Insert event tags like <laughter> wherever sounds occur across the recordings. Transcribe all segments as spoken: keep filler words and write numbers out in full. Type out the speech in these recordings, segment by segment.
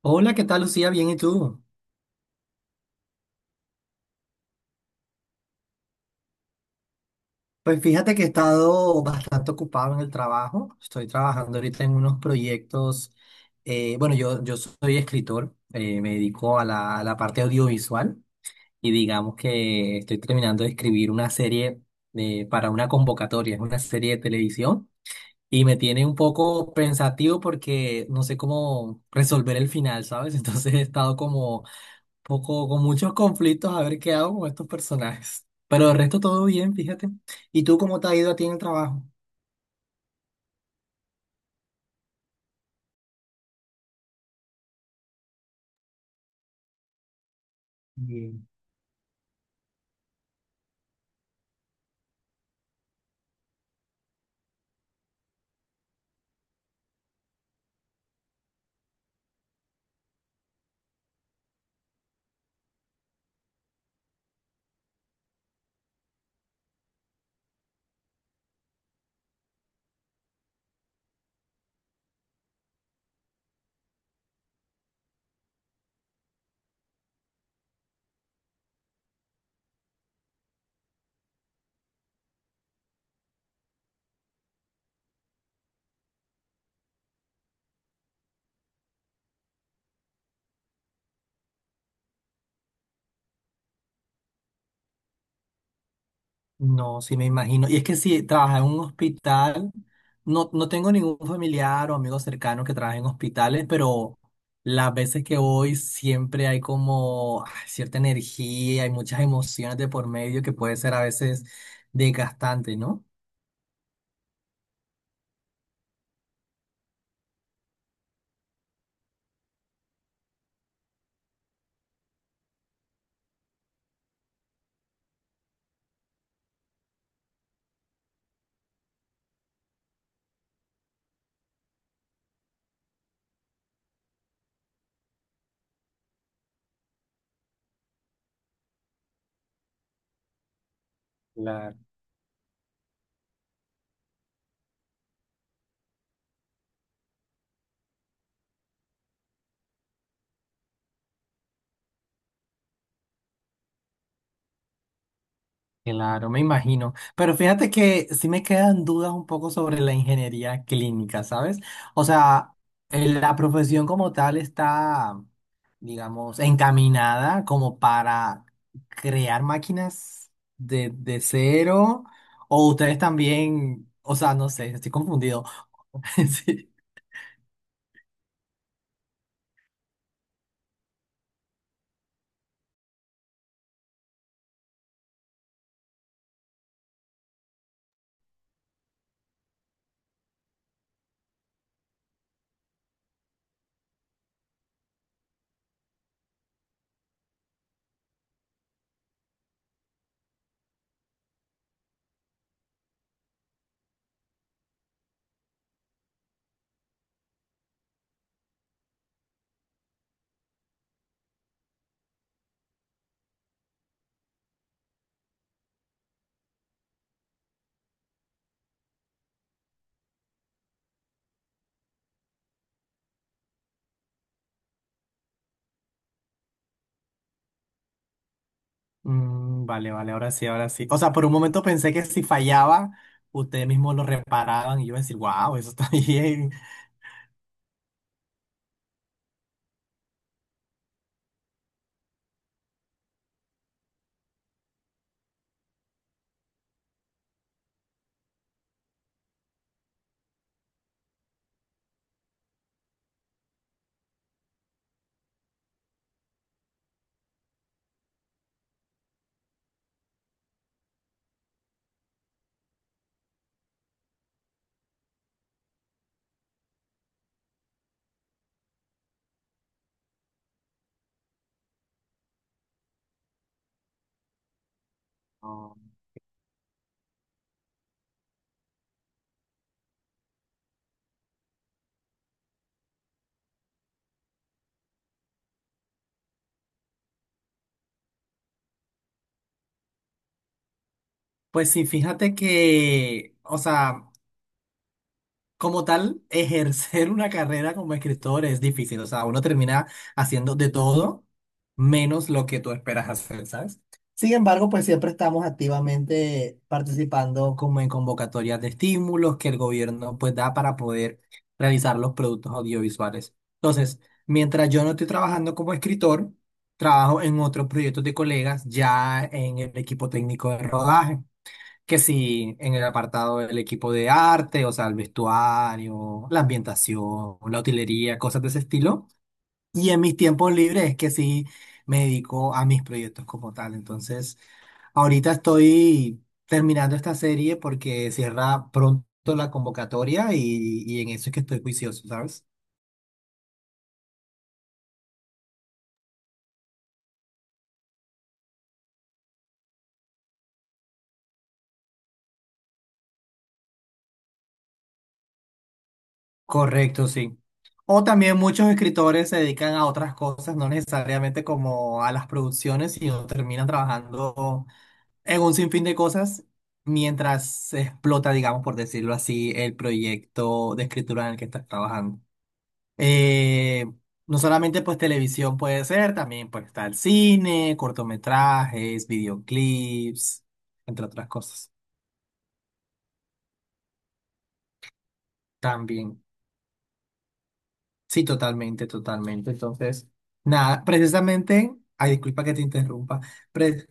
Hola, ¿qué tal, Lucía? Bien, ¿y tú? Pues fíjate que he estado bastante ocupado en el trabajo. Estoy trabajando ahorita en unos proyectos. eh, bueno, yo, yo soy escritor. Eh, me dedico a la, a la parte audiovisual y digamos que estoy terminando de escribir una serie eh, para una convocatoria. Es una serie de televisión y me tiene un poco pensativo porque no sé cómo resolver el final, ¿sabes? <laughs> Entonces he estado como poco, con muchos conflictos a ver qué hago con estos personajes. Pero el resto todo bien, fíjate. ¿Y tú cómo te ha ido a ti en el trabajo? Bien. No, sí me imagino. Y es que si trabajas en un hospital, no, no tengo ningún familiar o amigo cercano que trabaje en hospitales, pero las veces que voy siempre hay como ah, cierta energía, hay muchas emociones de por medio que puede ser a veces desgastante, ¿no? Claro, me imagino. Pero fíjate que sí me quedan dudas un poco sobre la ingeniería clínica, ¿sabes? O sea, eh, la profesión como tal está, digamos, encaminada como para crear máquinas de, de cero. O ustedes también, o sea, no sé, estoy confundido. <laughs> Sí. Mm, vale, vale, ahora sí, ahora sí. O sea, por un momento pensé que si fallaba, ustedes mismos lo reparaban y yo iba a decir, wow, eso está <laughs> bien. Pues sí, fíjate que, o sea, como tal, ejercer una carrera como escritor es difícil. O sea, uno termina haciendo de todo menos lo que tú esperas hacer, ¿sabes? Sin embargo, pues siempre estamos activamente participando como en convocatorias de estímulos que el gobierno pues da para poder realizar los productos audiovisuales. Entonces, mientras yo no estoy trabajando como escritor, trabajo en otros proyectos de colegas ya en el equipo técnico de rodaje que sí, en el apartado del equipo de arte, o sea, el vestuario, la ambientación, la utilería, cosas de ese estilo. Y en mis tiempos libres es que sí me dedico a mis proyectos como tal. Entonces, ahorita estoy terminando esta serie porque cierra pronto la convocatoria y, y en eso es que estoy juicioso, ¿sabes? Correcto, sí. O también muchos escritores se dedican a otras cosas, no necesariamente como a las producciones, sino terminan trabajando en un sinfín de cosas mientras se explota, digamos, por decirlo así, el proyecto de escritura en el que estás trabajando. Eh, no solamente pues televisión puede ser, también puede estar cine, cortometrajes, videoclips, entre otras cosas. También, sí, totalmente, totalmente. Entonces, nada, precisamente, ay, disculpa que te interrumpa. Pre-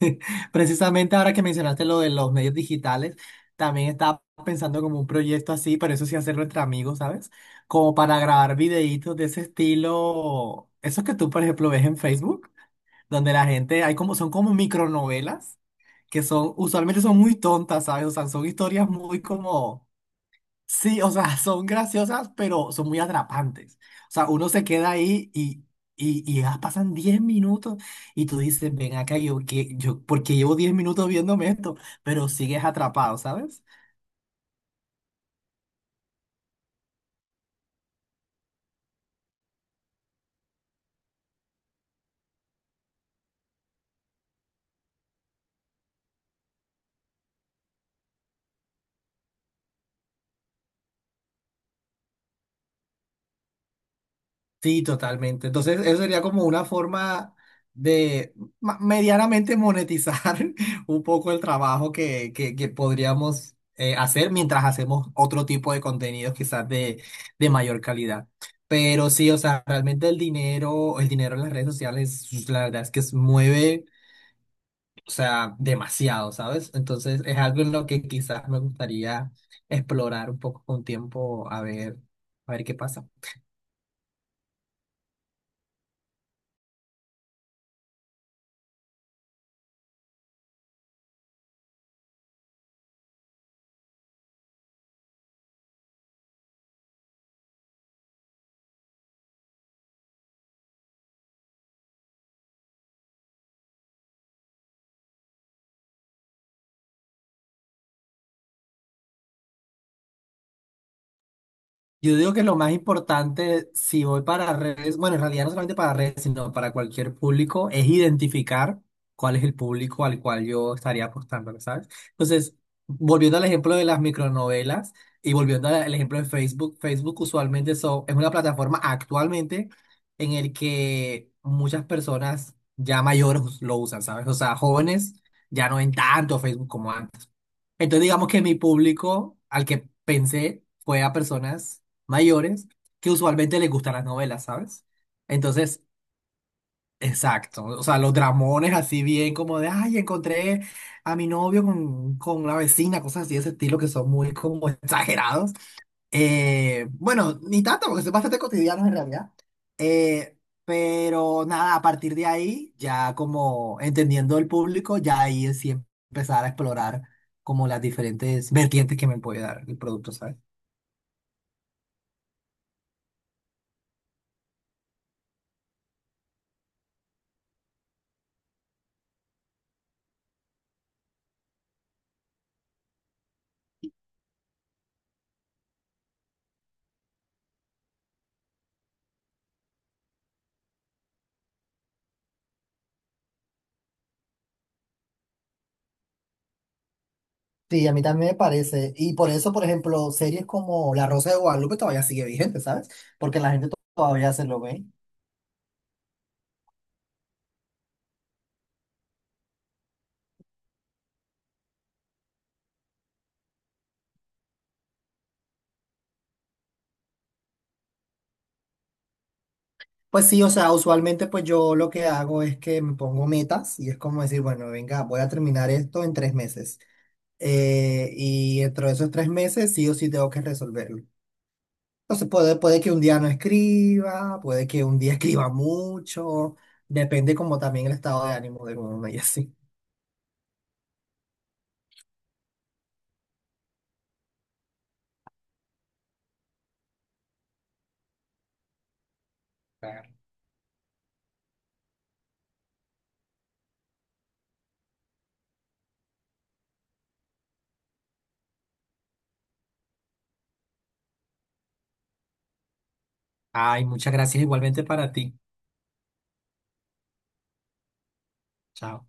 <laughs> Precisamente ahora que mencionaste lo de los medios digitales, también estaba pensando como un proyecto así, pero eso sí hacerlo entre amigos, ¿sabes? Como para grabar videitos de ese estilo, esos que tú, por ejemplo, ves en Facebook, donde la gente, hay como, son como micronovelas, que son, usualmente son muy tontas, ¿sabes? O sea, son historias muy como sí, o sea, <laughs> son graciosas, pero son muy atrapantes. O sea, uno se queda ahí y, y, y ya pasan diez minutos y tú dices, ven acá, yo, que, yo, ¿por qué llevo diez minutos viéndome esto? Pero sigues atrapado, ¿sabes? Sí, totalmente. Entonces, eso sería como una forma de ma- medianamente monetizar <laughs> un poco el trabajo que, que, que podríamos eh, hacer mientras hacemos otro tipo de contenidos quizás de, de mayor calidad. Pero sí, o sea, realmente el dinero, el dinero en las redes sociales, pues, la verdad es que se mueve, o sea, demasiado, ¿sabes? Entonces, es algo en lo que quizás me gustaría explorar un poco con tiempo, a ver, a ver qué pasa. Yo digo que lo más importante, si voy para redes, bueno, en realidad no solamente para redes, sino para cualquier público, es identificar cuál es el público al cual yo estaría apostando, ¿sabes? Entonces, volviendo al ejemplo de las micronovelas y volviendo al al ejemplo de Facebook, Facebook usualmente so- es una plataforma actualmente en el que muchas personas ya mayores lo usan, ¿sabes? O sea, jóvenes ya no ven tanto Facebook como antes. Entonces digamos que mi público al que pensé fue a personas mayores que usualmente les gustan las novelas, ¿sabes? Entonces, exacto, o sea, los dramones así bien como de, ay, encontré a mi novio con, con la vecina, cosas así de ese estilo que son muy como <laughs> exagerados. Eh, bueno, ni tanto, porque son bastante cotidianos en realidad. Eh, pero nada, a partir de ahí, ya como entendiendo el público, ya ahí es sí empezar a explorar como las diferentes vertientes que me puede dar el producto, ¿sabes? Sí, a mí también me parece. Y por eso, por ejemplo, series como La Rosa de Guadalupe todavía sigue vigente, ¿sabes? Porque la gente to- todavía se lo ve. Pues sí, o sea, usualmente pues yo lo que hago es que me pongo metas y es como decir, bueno, venga, voy a terminar esto en tres meses. Eh, y dentro de esos tres meses sí o sí tengo que resolverlo. Entonces puede, puede que un día no escriba, puede que un día <laughs> escriba mucho, depende como también el estado de ánimo de uno y así. Claro. Ay, muchas gracias igualmente para ti. Chao.